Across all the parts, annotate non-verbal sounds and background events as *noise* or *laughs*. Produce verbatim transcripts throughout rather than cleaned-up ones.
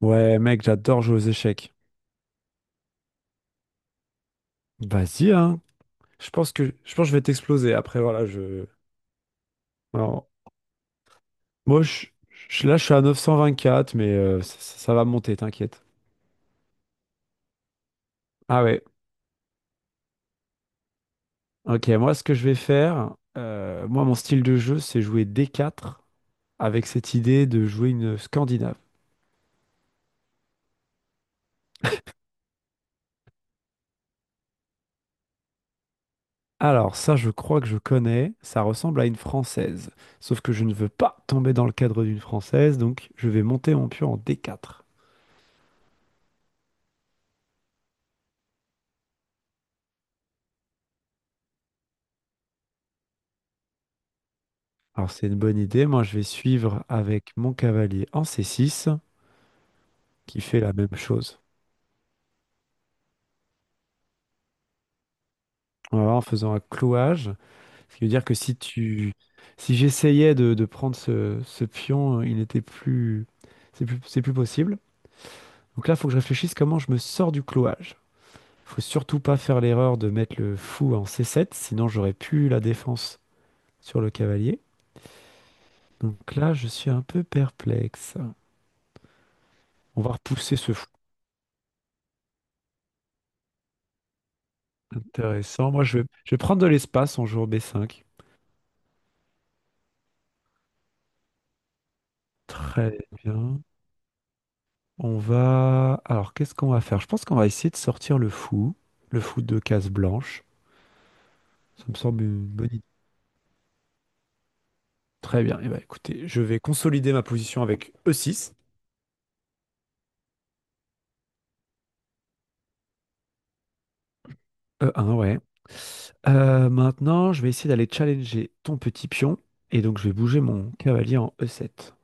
Ouais, mec, j'adore jouer aux échecs. Vas-y, hein. Je pense que je pense que je vais t'exploser. Après, voilà, je. Alors, moi, je, je- là, je suis à neuf cent vingt-quatre, mais euh, ça, ça- ça va monter, t'inquiète. Ah ouais. Ok, moi, ce que je vais faire, euh, moi, mon style de jeu, c'est jouer D quatre avec cette idée de jouer une Scandinave. Alors, ça, je crois que je connais. Ça ressemble à une Française. Sauf que je ne veux pas tomber dans le cadre d'une Française, donc je vais monter mon pion en D quatre. Alors c'est une bonne idée. Moi, je vais suivre avec mon cavalier en C six qui fait la même chose. Voilà, en faisant un clouage, ce qui veut dire que si tu, si j'essayais de, de prendre ce, ce pion, il n'était plus, c'est plus, c'est plus possible. Donc là, il faut que je réfléchisse comment je me sors du clouage. Faut surtout pas faire l'erreur de mettre le fou en C sept, sinon j'aurais plus la défense sur le cavalier. Donc là, je suis un peu perplexe. On va repousser ce fou. Intéressant. Moi, je vais, je vais prendre de l'espace en jouant B cinq. Très bien. On va. Alors, qu'est-ce qu'on va faire? Je pense qu'on va essayer de sortir le fou, le fou de case blanche. Ça me semble une bonne idée. Très bien. Eh ben, écoutez, je vais consolider ma position avec E six. E un, ouais. Euh, maintenant, je vais essayer d'aller challenger ton petit pion. Et donc, je vais bouger mon cavalier en E sept.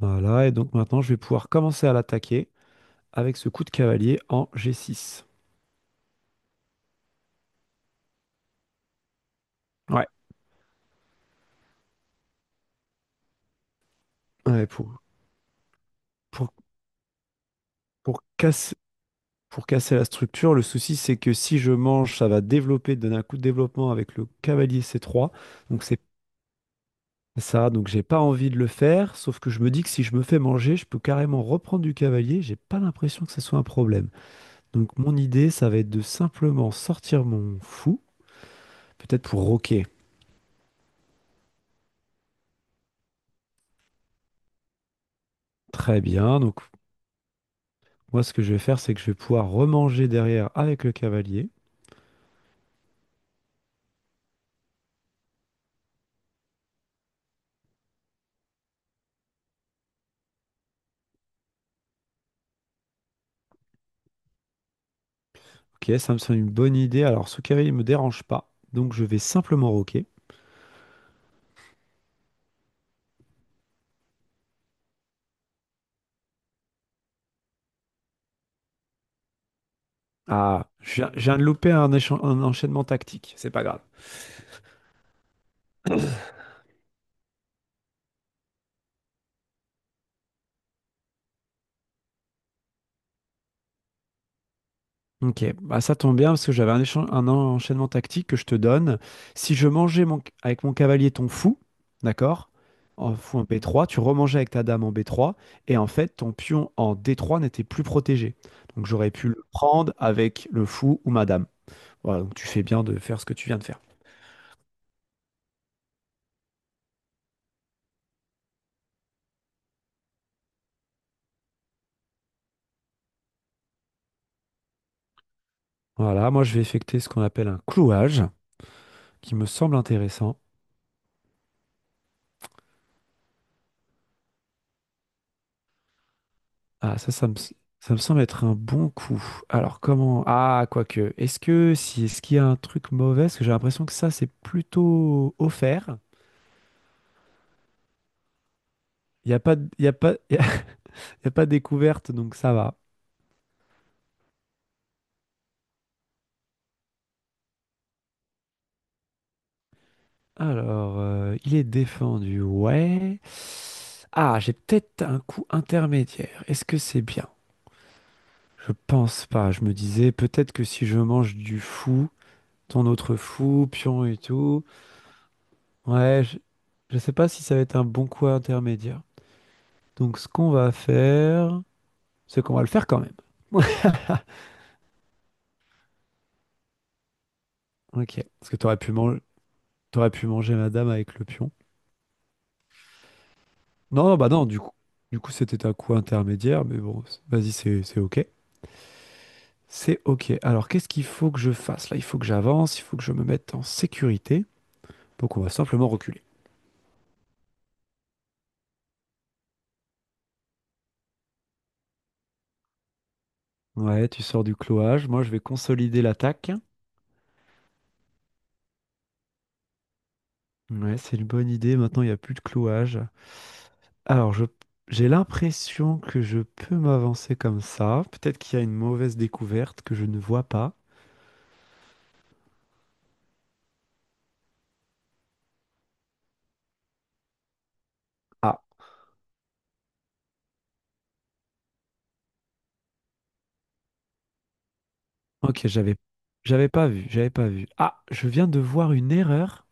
Voilà. Et donc, maintenant, je vais pouvoir commencer à l'attaquer avec ce coup de cavalier en G six. Ouais. Ouais, pour, pour, pour casser. Pour casser la structure, le souci c'est que si je mange, ça va développer, donner un coup de développement avec le cavalier C trois. Donc c'est ça, donc j'ai pas envie de le faire, sauf que je me dis que si je me fais manger, je peux carrément reprendre du cavalier, j'ai pas l'impression que ce soit un problème. Donc mon idée, ça va être de simplement sortir mon fou, peut-être pour roquer. Très bien, donc moi ce que je vais faire, c'est que je vais pouvoir remanger derrière avec le cavalier. Ok, ça me semble une bonne idée. Alors ce cavalier ne me dérange pas, donc je vais simplement roquer. Ah, je viens, je viens de louper un, échan- un enchaînement tactique. C'est pas grave. Ok, bah ça tombe bien parce que j'avais un, échan- un enchaînement tactique que je te donne. Si je mangeais mon- avec mon cavalier ton fou, d'accord, en fou en b trois, tu remangeais avec ta dame en b trois et en fait ton pion en d trois n'était plus protégé. Donc j'aurais pu le prendre avec le fou ou ma dame. Voilà, donc tu fais bien de faire ce que tu viens de faire. Voilà, moi je vais effectuer ce qu'on appelle un clouage, qui me semble intéressant. Ah, ça, ça me, s- ça me semble être un bon coup. Alors, comment? Ah, quoique. Est-ce que si, Est-ce qu'il y a un truc mauvais? Parce que j'ai l'impression que ça, c'est plutôt offert. Il n'y a pas, de- il y a pas, *laughs* il y a il y a pas de découverte, donc ça va. Alors, euh, il est défendu, ouais. Ah, j'ai peut-être un coup intermédiaire. Est-ce que c'est bien? Je pense pas. Je me disais, peut-être que si je mange du fou, ton autre fou, pion et tout, ouais, je, je sais pas si ça va être un bon coup intermédiaire. Donc, ce qu'on va faire, c'est qu'on va le faire quand même. *laughs* Ok. Parce que t'aurais pu manger, t'aurais pu manger madame avec le pion. Non, non, bah non, du coup, du coup, c'était un coup intermédiaire, mais bon, c'est- vas-y, c'est c'est ok. C'est ok. Alors, qu'est-ce qu'il faut que je fasse? Là, il faut que j'avance, il faut que je me mette en sécurité. Donc, on va simplement reculer. Ouais, tu sors du clouage. Moi, je vais consolider l'attaque. Ouais, c'est une bonne idée. Maintenant, il n'y a plus de clouage. Alors, je, j'ai l'impression que je peux m'avancer comme ça. Peut-être qu'il y a une mauvaise découverte que je ne vois pas. Ah, ok, j'avais, j'avais pas vu, j'avais pas vu. Ah, je viens de voir une erreur.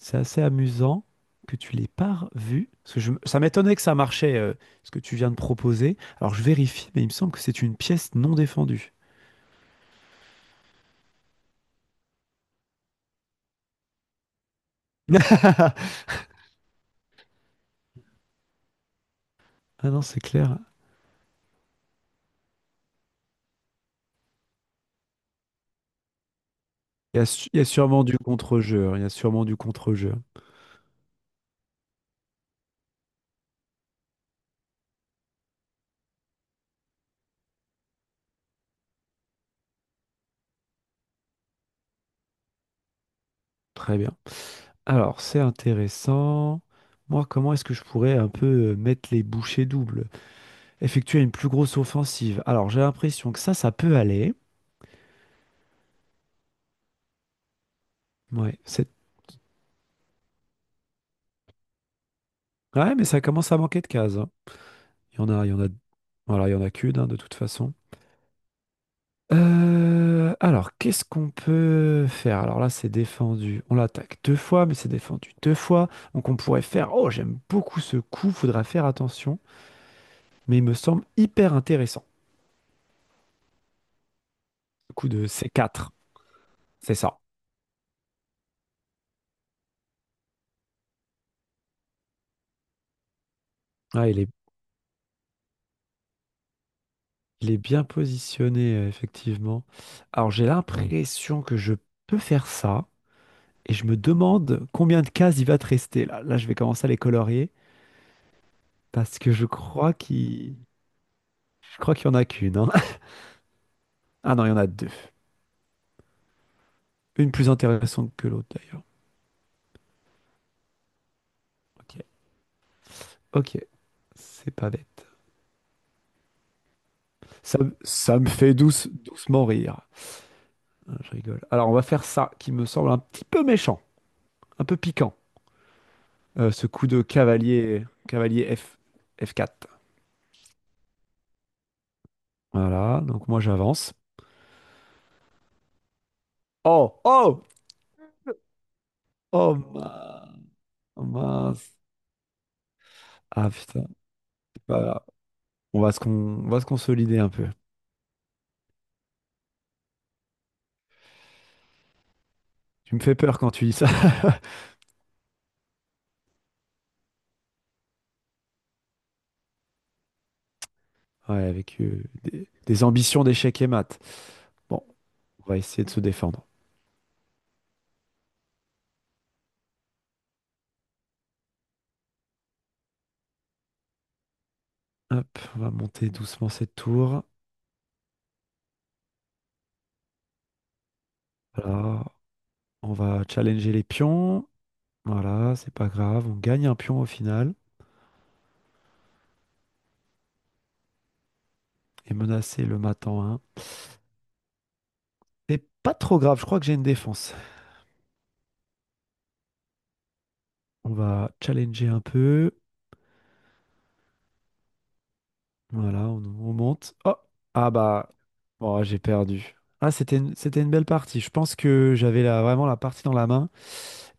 C'est assez amusant que tu l'aies pas vue. Parce que je, ça m'étonnait que ça marchait, euh, ce que tu viens de proposer. Alors, je vérifie, mais il me semble que c'est une pièce non défendue. *laughs* Ah non, c'est clair. Il y a, su- il y a sûrement du contre-jeu. Hein, il y a sûrement du contre-jeu. Très bien. Alors, c'est intéressant. Moi, comment est-ce que je pourrais un peu euh, mettre les bouchées doubles? Effectuer une plus grosse offensive. Alors, j'ai l'impression que ça, ça peut aller. Ouais, c'est... ouais, mais ça commence à manquer de cases. Hein. Il y en a, il y en a... Voilà, il y en a qu'une, hein, de toute façon. Euh, Alors, qu'est-ce qu'on peut faire? Alors là, c'est défendu. On l'attaque deux fois, mais c'est défendu deux fois. Donc, on pourrait faire... Oh, j'aime beaucoup ce coup. Faudra faire attention. Mais il me semble hyper intéressant. Le coup de C quatre. C'est ça. Ah, il Il est bien positionné, euh, effectivement. Alors, j'ai l'impression que je peux faire ça. Et je me demande combien de cases il va te rester. Là, là, je vais commencer à les colorier. Parce que je crois qu'il... Je crois qu'il y en a qu'une, hein. *laughs* Ah non, il y en a deux. Une plus intéressante que l'autre, d'ailleurs. Ok. Ok. C'est pas bête. Ça, me- ça me fait douce, doucement rire. Ah, je rigole. Alors, on va faire ça, qui me semble un petit peu méchant. Un peu piquant. Euh, ce coup de cavalier, cavalier F, F4. Voilà, donc moi j'avance. Oh, oh, oh, mince. Oh, mince. Ah putain, c'est pas grave. On va se con- on va se consolider un peu. Tu me fais peur quand tu dis ça. *laughs* Ouais, avec euh, des, des ambitions d'échecs et maths. Bon, on va essayer de se défendre. Hop, on va monter doucement cette tour. Voilà, on va challenger les pions. Voilà, c'est pas grave, on gagne un pion au final et menacer le mat en un. C'est pas trop grave, je crois que j'ai une défense. On va challenger un peu. Voilà, on, on monte. Oh! Ah bah, bon, j'ai perdu. Ah, c'était une, c'était une belle partie. Je pense que j'avais la- vraiment la partie dans la main.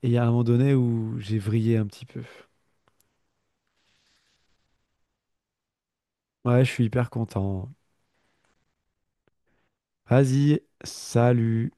Et il y a un moment donné où j'ai vrillé un petit peu. Ouais, je suis hyper content. Vas-y, salut.